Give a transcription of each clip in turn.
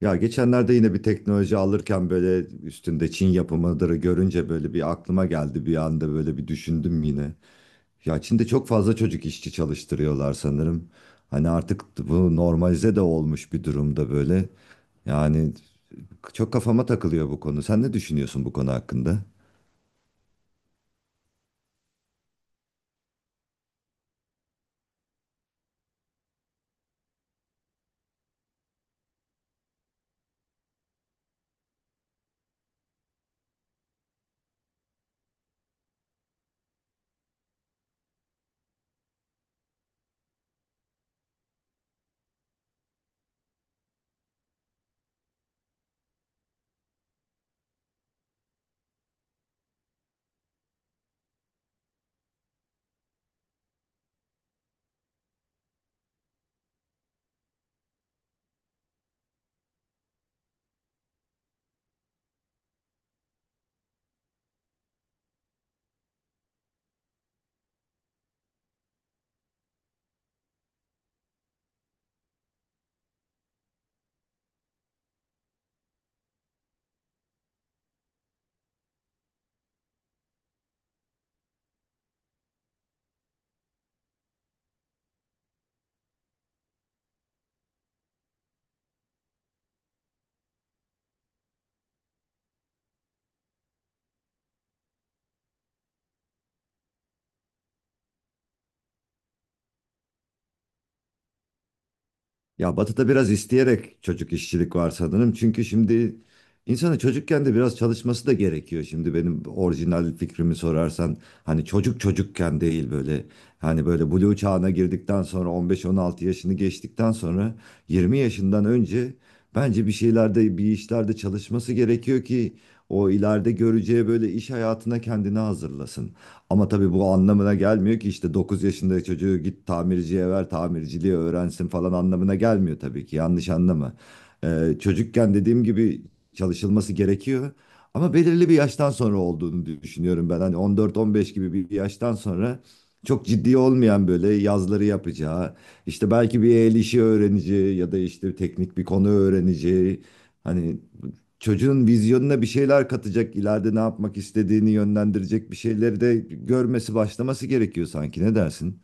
Ya geçenlerde yine bir teknoloji alırken böyle üstünde Çin yapımıdır görünce böyle bir aklıma geldi bir anda böyle bir düşündüm yine. Ya Çin'de çok fazla çocuk işçi çalıştırıyorlar sanırım. Hani artık bu normalize de olmuş bir durumda böyle. Yani çok kafama takılıyor bu konu. Sen ne düşünüyorsun bu konu hakkında? Ya Batı'da biraz isteyerek çocuk işçilik var sanırım. Çünkü şimdi insanın çocukken de biraz çalışması da gerekiyor. Şimdi benim orijinal fikrimi sorarsan hani çocuk çocukken değil, böyle hani böyle blue çağına girdikten sonra, 15-16 yaşını geçtikten sonra, 20 yaşından önce bence bir şeylerde bir işlerde çalışması gerekiyor ki o ileride göreceği böyle iş hayatına kendini hazırlasın. Ama tabii bu anlamına gelmiyor ki işte 9 yaşındaki çocuğu git tamirciye ver, tamirciliği öğrensin falan anlamına gelmiyor tabii ki. Yanlış anlama. Çocukken dediğim gibi çalışılması gerekiyor. Ama belirli bir yaştan sonra olduğunu düşünüyorum ben. Hani 14-15 gibi bir yaştan sonra çok ciddi olmayan böyle yazları yapacağı, işte belki bir el işi öğreneceği ya da işte teknik bir konu öğreneceği. Hani çocuğun vizyonuna bir şeyler katacak, ileride ne yapmak istediğini yönlendirecek bir şeyleri de görmesi, başlaması gerekiyor sanki. Ne dersin?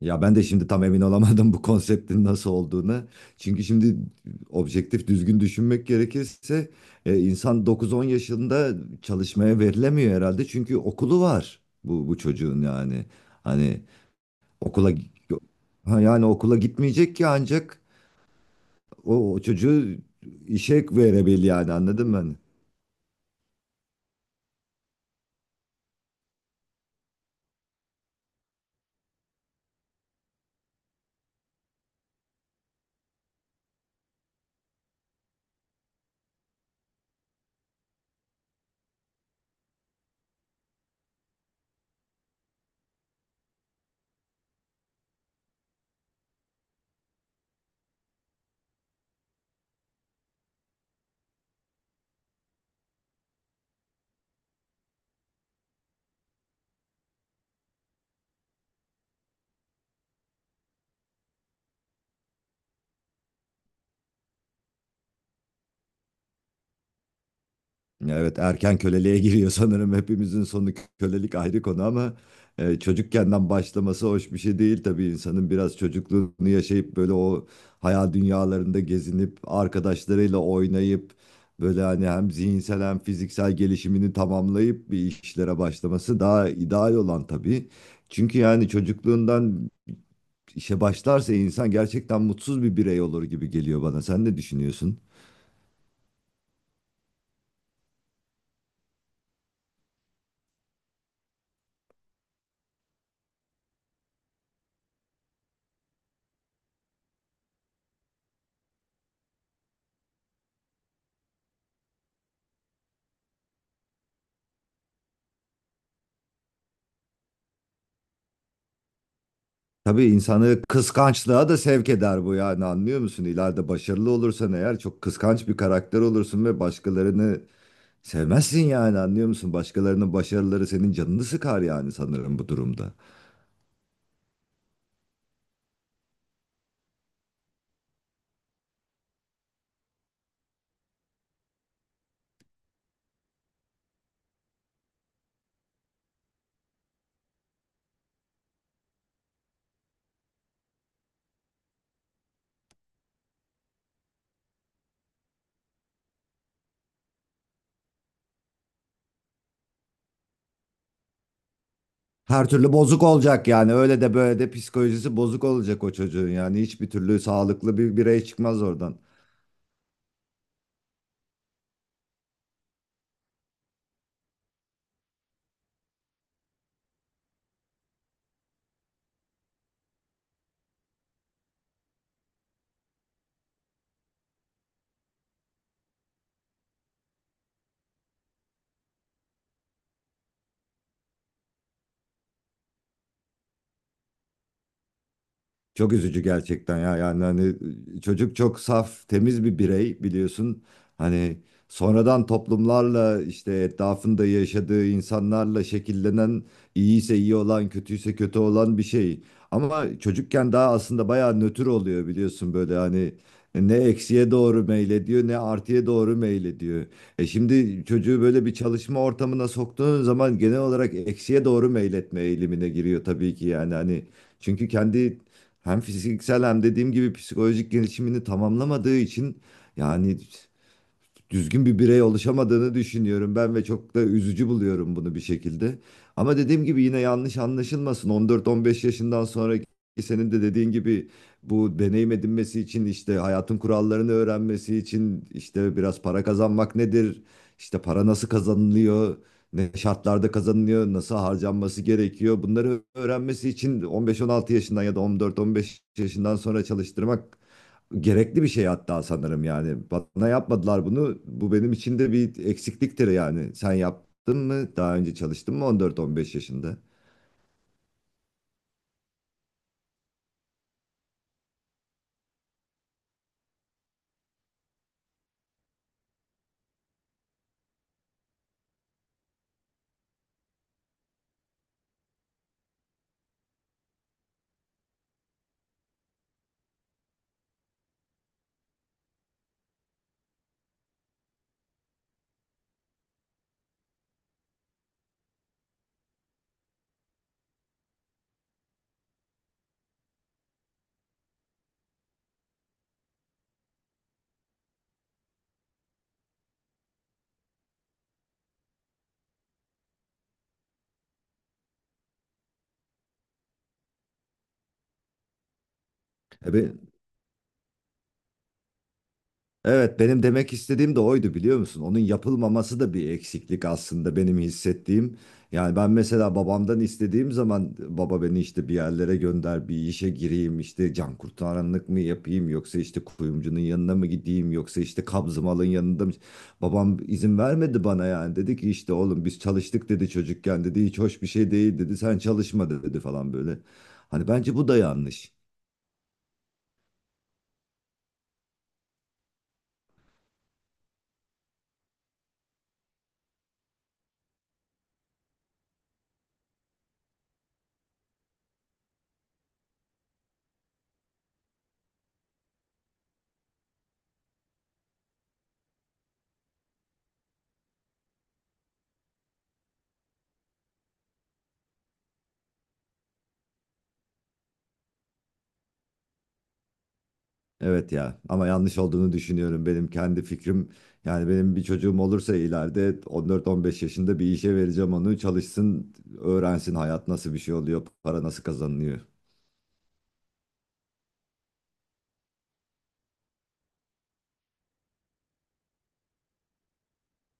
Ya ben de şimdi tam emin olamadım bu konseptin nasıl olduğunu. Çünkü şimdi objektif düzgün düşünmek gerekirse insan 9-10 yaşında çalışmaya verilemiyor herhalde. Çünkü okulu var bu çocuğun yani. Hani okula ha, yani okula gitmeyecek ki ancak o çocuğu işe verebil yani anladın mı? Hani. Evet, erken köleliğe giriyor sanırım. Hepimizin sonu kölelik, ayrı konu ama çocukkenden başlaması hoş bir şey değil tabii. insanın biraz çocukluğunu yaşayıp böyle o hayal dünyalarında gezinip arkadaşlarıyla oynayıp böyle hani hem zihinsel hem fiziksel gelişimini tamamlayıp bir işlere başlaması daha ideal olan tabii. Çünkü yani çocukluğundan işe başlarsa insan gerçekten mutsuz bir birey olur gibi geliyor bana. Sen ne düşünüyorsun? Tabii insanı kıskançlığa da sevk eder bu, yani anlıyor musun? İleride başarılı olursan eğer çok kıskanç bir karakter olursun ve başkalarını sevmezsin, yani anlıyor musun? Başkalarının başarıları senin canını sıkar yani sanırım bu durumda. Her türlü bozuk olacak yani, öyle de böyle de psikolojisi bozuk olacak o çocuğun yani. Hiçbir türlü sağlıklı bir birey çıkmaz oradan. Çok üzücü gerçekten ya. Yani hani çocuk çok saf temiz bir birey biliyorsun, hani sonradan toplumlarla işte etrafında yaşadığı insanlarla şekillenen, iyiyse iyi olan kötüyse kötü olan bir şey. Ama çocukken daha aslında bayağı nötr oluyor biliyorsun böyle hani, ne eksiye doğru meylediyor ne artıya doğru meylediyor. Şimdi çocuğu böyle bir çalışma ortamına soktuğun zaman genel olarak eksiye doğru meyletme eğilimine giriyor tabii ki, yani hani çünkü kendi hem fiziksel hem dediğim gibi psikolojik gelişimini tamamlamadığı için yani düzgün bir birey oluşamadığını düşünüyorum ben ve çok da üzücü buluyorum bunu bir şekilde. Ama dediğim gibi yine yanlış anlaşılmasın. 14-15 yaşından sonraki, senin de dediğin gibi, bu deneyim edinmesi için, işte hayatın kurallarını öğrenmesi için işte, biraz para kazanmak nedir? İşte para nasıl kazanılıyor? Ne şartlarda kazanılıyor? Nasıl harcanması gerekiyor? Bunları öğrenmesi için 15-16 yaşından ya da 14-15 yaşından sonra çalıştırmak gerekli bir şey hatta sanırım yani. Bana yapmadılar bunu. Bu benim için de bir eksikliktir yani. Sen yaptın mı? Daha önce çalıştın mı 14-15 yaşında? E Evet, benim demek istediğim de oydu biliyor musun? Onun yapılmaması da bir eksiklik aslında, benim hissettiğim. Yani ben mesela babamdan istediğim zaman, baba beni işte bir yerlere gönder, bir işe gireyim, işte can kurtaranlık mı yapayım yoksa işte kuyumcunun yanına mı gideyim yoksa işte kabzımalın yanında mı? Babam izin vermedi bana yani, dedi ki işte oğlum biz çalıştık dedi çocukken, dedi hiç hoş bir şey değil, dedi sen çalışma dedi falan böyle. Hani bence bu da yanlış. Evet ya, ama yanlış olduğunu düşünüyorum. Benim kendi fikrim, yani benim bir çocuğum olursa ileride 14-15 yaşında bir işe vereceğim onu, çalışsın öğrensin hayat nasıl bir şey oluyor, para nasıl kazanılıyor.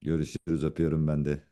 Görüşürüz, öpüyorum ben de.